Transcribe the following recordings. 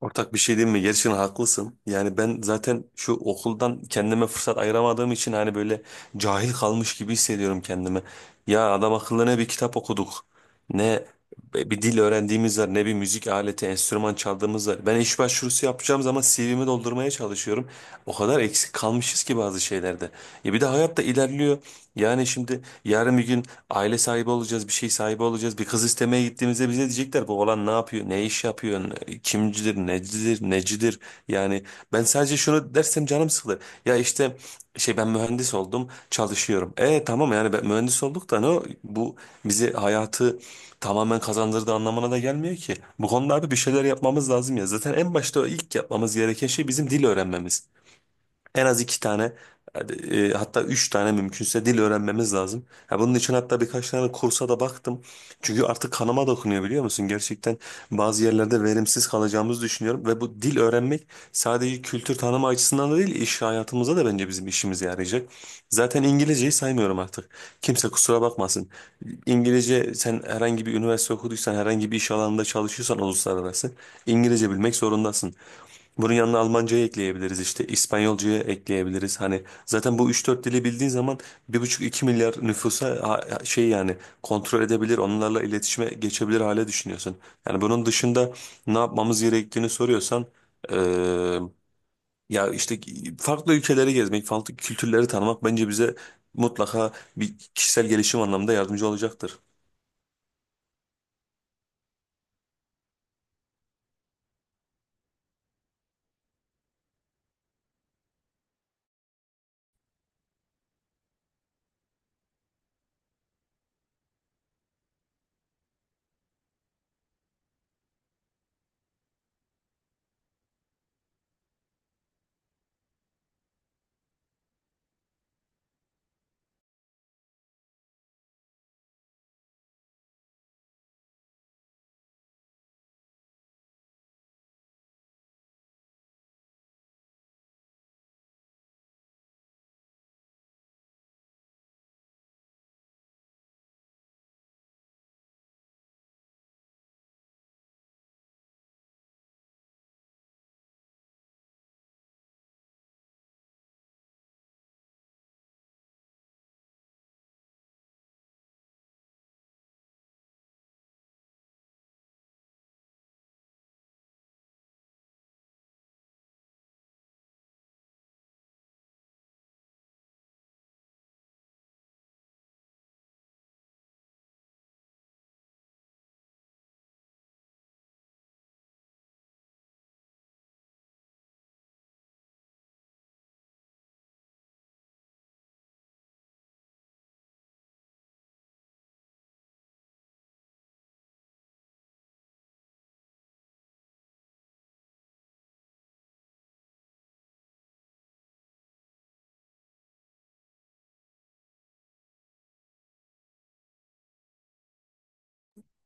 Ortak bir şey diyeyim mi? Gerçekten haklısın. Yani ben zaten şu okuldan kendime fırsat ayıramadığım için hani böyle cahil kalmış gibi hissediyorum kendimi. Ya adam akıllı ne bir kitap okuduk, ne bir dil öğrendiğimiz var, ne bir müzik aleti, enstrüman çaldığımız var. Ben iş başvurusu yapacağım zaman CV'mi doldurmaya çalışıyorum. O kadar eksik kalmışız ki bazı şeylerde. Ya bir de hayat da ilerliyor. Yani şimdi yarın bir gün aile sahibi olacağız, bir şey sahibi olacağız. Bir kız istemeye gittiğimizde bize diyecekler bu oğlan ne yapıyor, ne iş yapıyor, kimcidir, necidir, necidir. Yani ben sadece şunu dersem canım sıkılır. Ya işte şey ben mühendis oldum, çalışıyorum. Tamam yani ben mühendis olduk da bu bizi hayatı tamamen kazandırdığı anlamına da gelmiyor ki. Bu konularda bir şeyler yapmamız lazım ya. Zaten en başta o ilk yapmamız gereken şey bizim dil öğrenmemiz. En az iki tane hatta üç tane mümkünse dil öğrenmemiz lazım. Ya bunun için hatta birkaç tane kursa da baktım. Çünkü artık kanıma dokunuyor biliyor musun? Gerçekten bazı yerlerde verimsiz kalacağımızı düşünüyorum. Ve bu dil öğrenmek sadece kültür tanıma açısından da değil iş hayatımıza da bence bizim işimize yarayacak. Zaten İngilizceyi saymıyorum artık. Kimse kusura bakmasın. İngilizce sen herhangi bir üniversite okuduysan herhangi bir iş alanında çalışıyorsan uluslararası İngilizce bilmek zorundasın. Bunun yanına Almancayı ekleyebiliriz işte İspanyolcayı ekleyebiliriz. Hani zaten bu üç dört dili bildiğin zaman bir buçuk iki milyar nüfusa yani kontrol edebilir onlarla iletişime geçebilir hale düşünüyorsun. Yani bunun dışında ne yapmamız gerektiğini soruyorsan eee, ya işte farklı ülkeleri gezmek, farklı kültürleri tanımak bence bize mutlaka bir kişisel gelişim anlamında yardımcı olacaktır.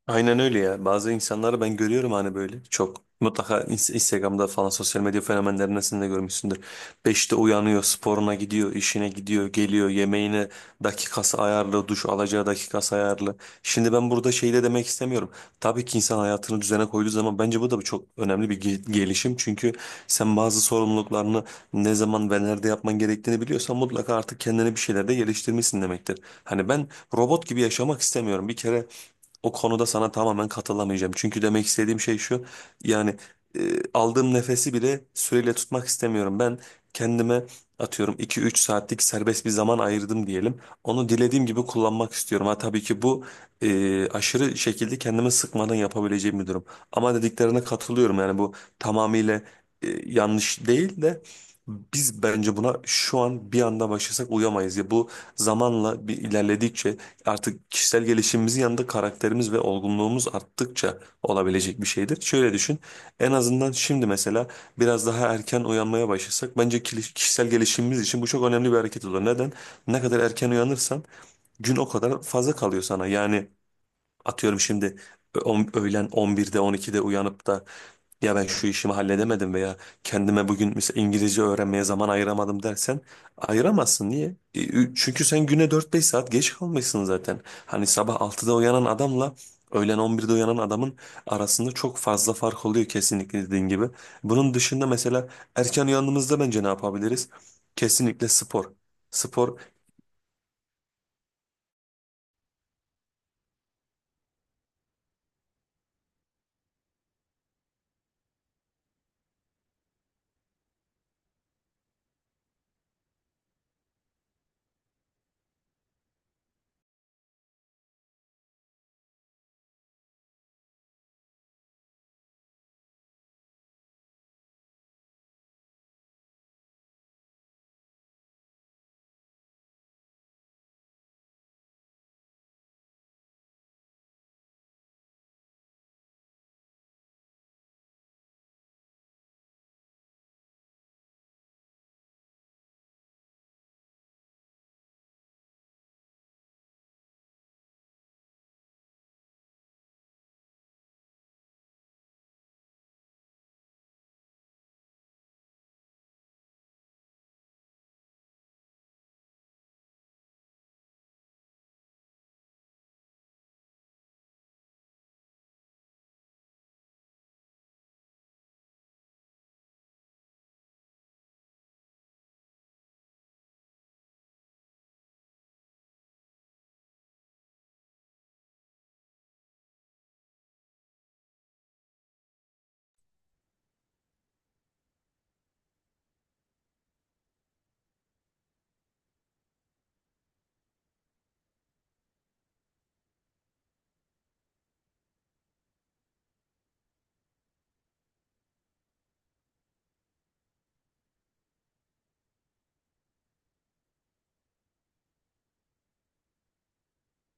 Aynen öyle ya. Bazı insanları ben görüyorum hani böyle çok. Mutlaka Instagram'da falan sosyal medya fenomenlerinden de görmüşsündür. Beşte uyanıyor, sporuna gidiyor, işine gidiyor, geliyor, yemeğine dakikası ayarlı, duş alacağı dakikası ayarlı. Şimdi ben burada şey de demek istemiyorum. Tabii ki insan hayatını düzene koyduğu zaman bence bu da çok önemli bir gelişim. Çünkü sen bazı sorumluluklarını ne zaman ve nerede yapman gerektiğini biliyorsan mutlaka artık kendine bir şeyler de geliştirmişsin demektir. Hani ben robot gibi yaşamak istemiyorum. Bir kere o konuda sana tamamen katılamayacağım. Çünkü demek istediğim şey şu. Yani e, aldığım nefesi bile süreyle tutmak istemiyorum. Ben kendime atıyorum iki üç saatlik serbest bir zaman ayırdım diyelim. Onu dilediğim gibi kullanmak istiyorum. Ha tabii ki bu aşırı şekilde kendimi sıkmadan yapabileceğim bir durum. Ama dediklerine katılıyorum. Yani bu tamamıyla yanlış değil de biz bence buna şu an bir anda başlasak uyamayız ya bu zamanla bir ilerledikçe artık kişisel gelişimimizin yanında karakterimiz ve olgunluğumuz arttıkça olabilecek bir şeydir. Şöyle düşün. En azından şimdi mesela biraz daha erken uyanmaya başlasak bence kişisel gelişimimiz için bu çok önemli bir hareket olur. Neden? Ne kadar erken uyanırsan gün o kadar fazla kalıyor sana. Yani atıyorum şimdi öğlen 11'de 12'de uyanıp da ya ben şu işimi halledemedim veya kendime bugün mesela İngilizce öğrenmeye zaman ayıramadım dersen ayıramazsın. Niye? Çünkü sen güne 4-5 saat geç kalmışsın zaten. Hani sabah 6'da uyanan adamla öğlen 11'de uyanan adamın arasında çok fazla fark oluyor kesinlikle dediğin gibi. Bunun dışında mesela erken uyandığımızda bence ne yapabiliriz? Kesinlikle spor. Spor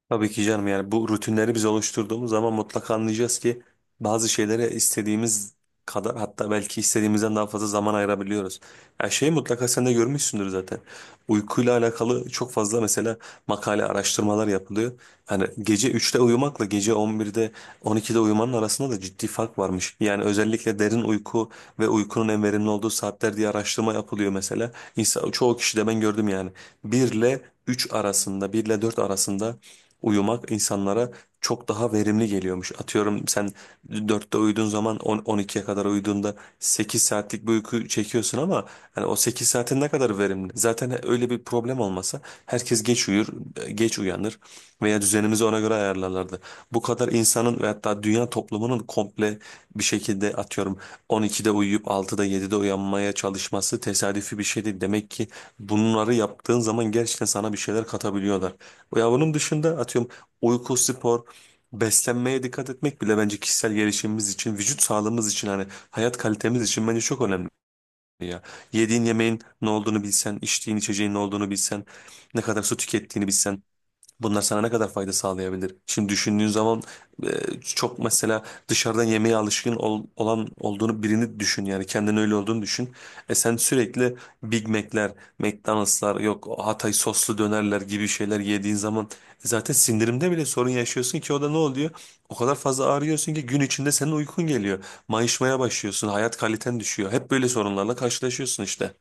Tabii ki canım yani bu rutinleri biz oluşturduğumuz zaman mutlaka anlayacağız ki bazı şeylere istediğimiz kadar hatta belki istediğimizden daha fazla zaman ayırabiliyoruz. Ya şeyi mutlaka sen de görmüşsündür zaten. Uykuyla alakalı çok fazla mesela makale araştırmalar yapılıyor. Hani gece üçte uyumakla gece 11'de 12'de uyumanın arasında da ciddi fark varmış. Yani özellikle derin uyku ve uykunun en verimli olduğu saatler diye araştırma yapılıyor mesela. İnsan, çoğu kişi de ben gördüm yani. 1 ile 3 arasında 1 ile 4 arasında uyumak insanlara çok daha verimli geliyormuş. Atıyorum sen dörtte uyuduğun zaman 12'ye kadar uyuduğunda 8 saatlik bir uyku çekiyorsun ama hani o 8 saatin ne kadar verimli? Zaten öyle bir problem olmasa herkes geç uyur, geç uyanır veya düzenimizi ona göre ayarlarlardı. Bu kadar insanın ve hatta dünya toplumunun komple bir şekilde atıyorum 12'de uyuyup 6'da 7'de uyanmaya çalışması tesadüfi bir şey değil. Demek ki bunları yaptığın zaman gerçekten sana bir şeyler katabiliyorlar. Ya bunun dışında atıyorum uyku, spor, beslenmeye dikkat etmek bile bence kişisel gelişimimiz için, vücut sağlığımız için hani hayat kalitemiz için bence çok önemli ya. Yediğin yemeğin ne olduğunu bilsen, içtiğin içeceğin ne olduğunu bilsen, ne kadar su tükettiğini bilsen. Bunlar sana ne kadar fayda sağlayabilir? Şimdi düşündüğün zaman çok mesela dışarıdan yemeğe alışkın olan olduğunu birini düşün yani kendin öyle olduğunu düşün. Sen sürekli Big Mac'ler, McDonald's'lar yok Hatay soslu dönerler gibi şeyler yediğin zaman zaten sindirimde bile sorun yaşıyorsun ki o da ne oluyor? O kadar fazla ağrıyorsun ki gün içinde senin uykun geliyor. Mayışmaya başlıyorsun, hayat kaliten düşüyor. Hep böyle sorunlarla karşılaşıyorsun işte.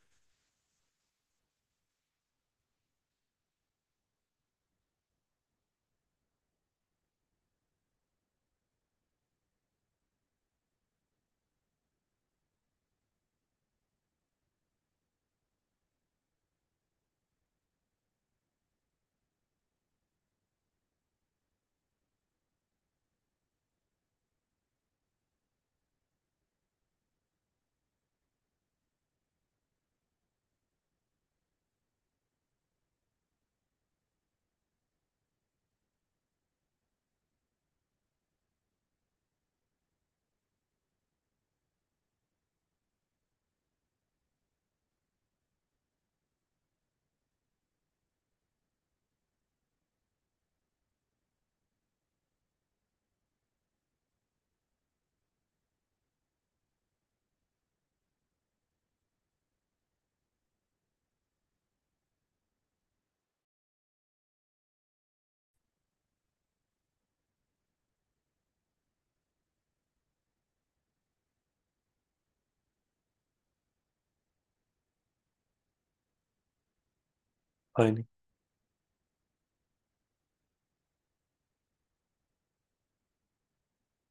Aynen.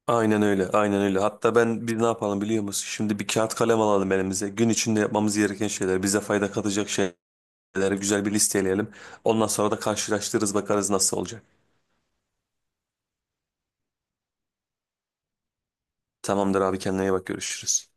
Aynen öyle, aynen öyle. Hatta ben biz ne yapalım biliyor musun? Şimdi bir kağıt kalem alalım elimize. Gün içinde yapmamız gereken şeyler, bize fayda katacak şeyleri güzel bir listeleyelim. Ondan sonra da karşılaştırırız, bakarız nasıl olacak. Tamamdır abi kendine iyi bak görüşürüz.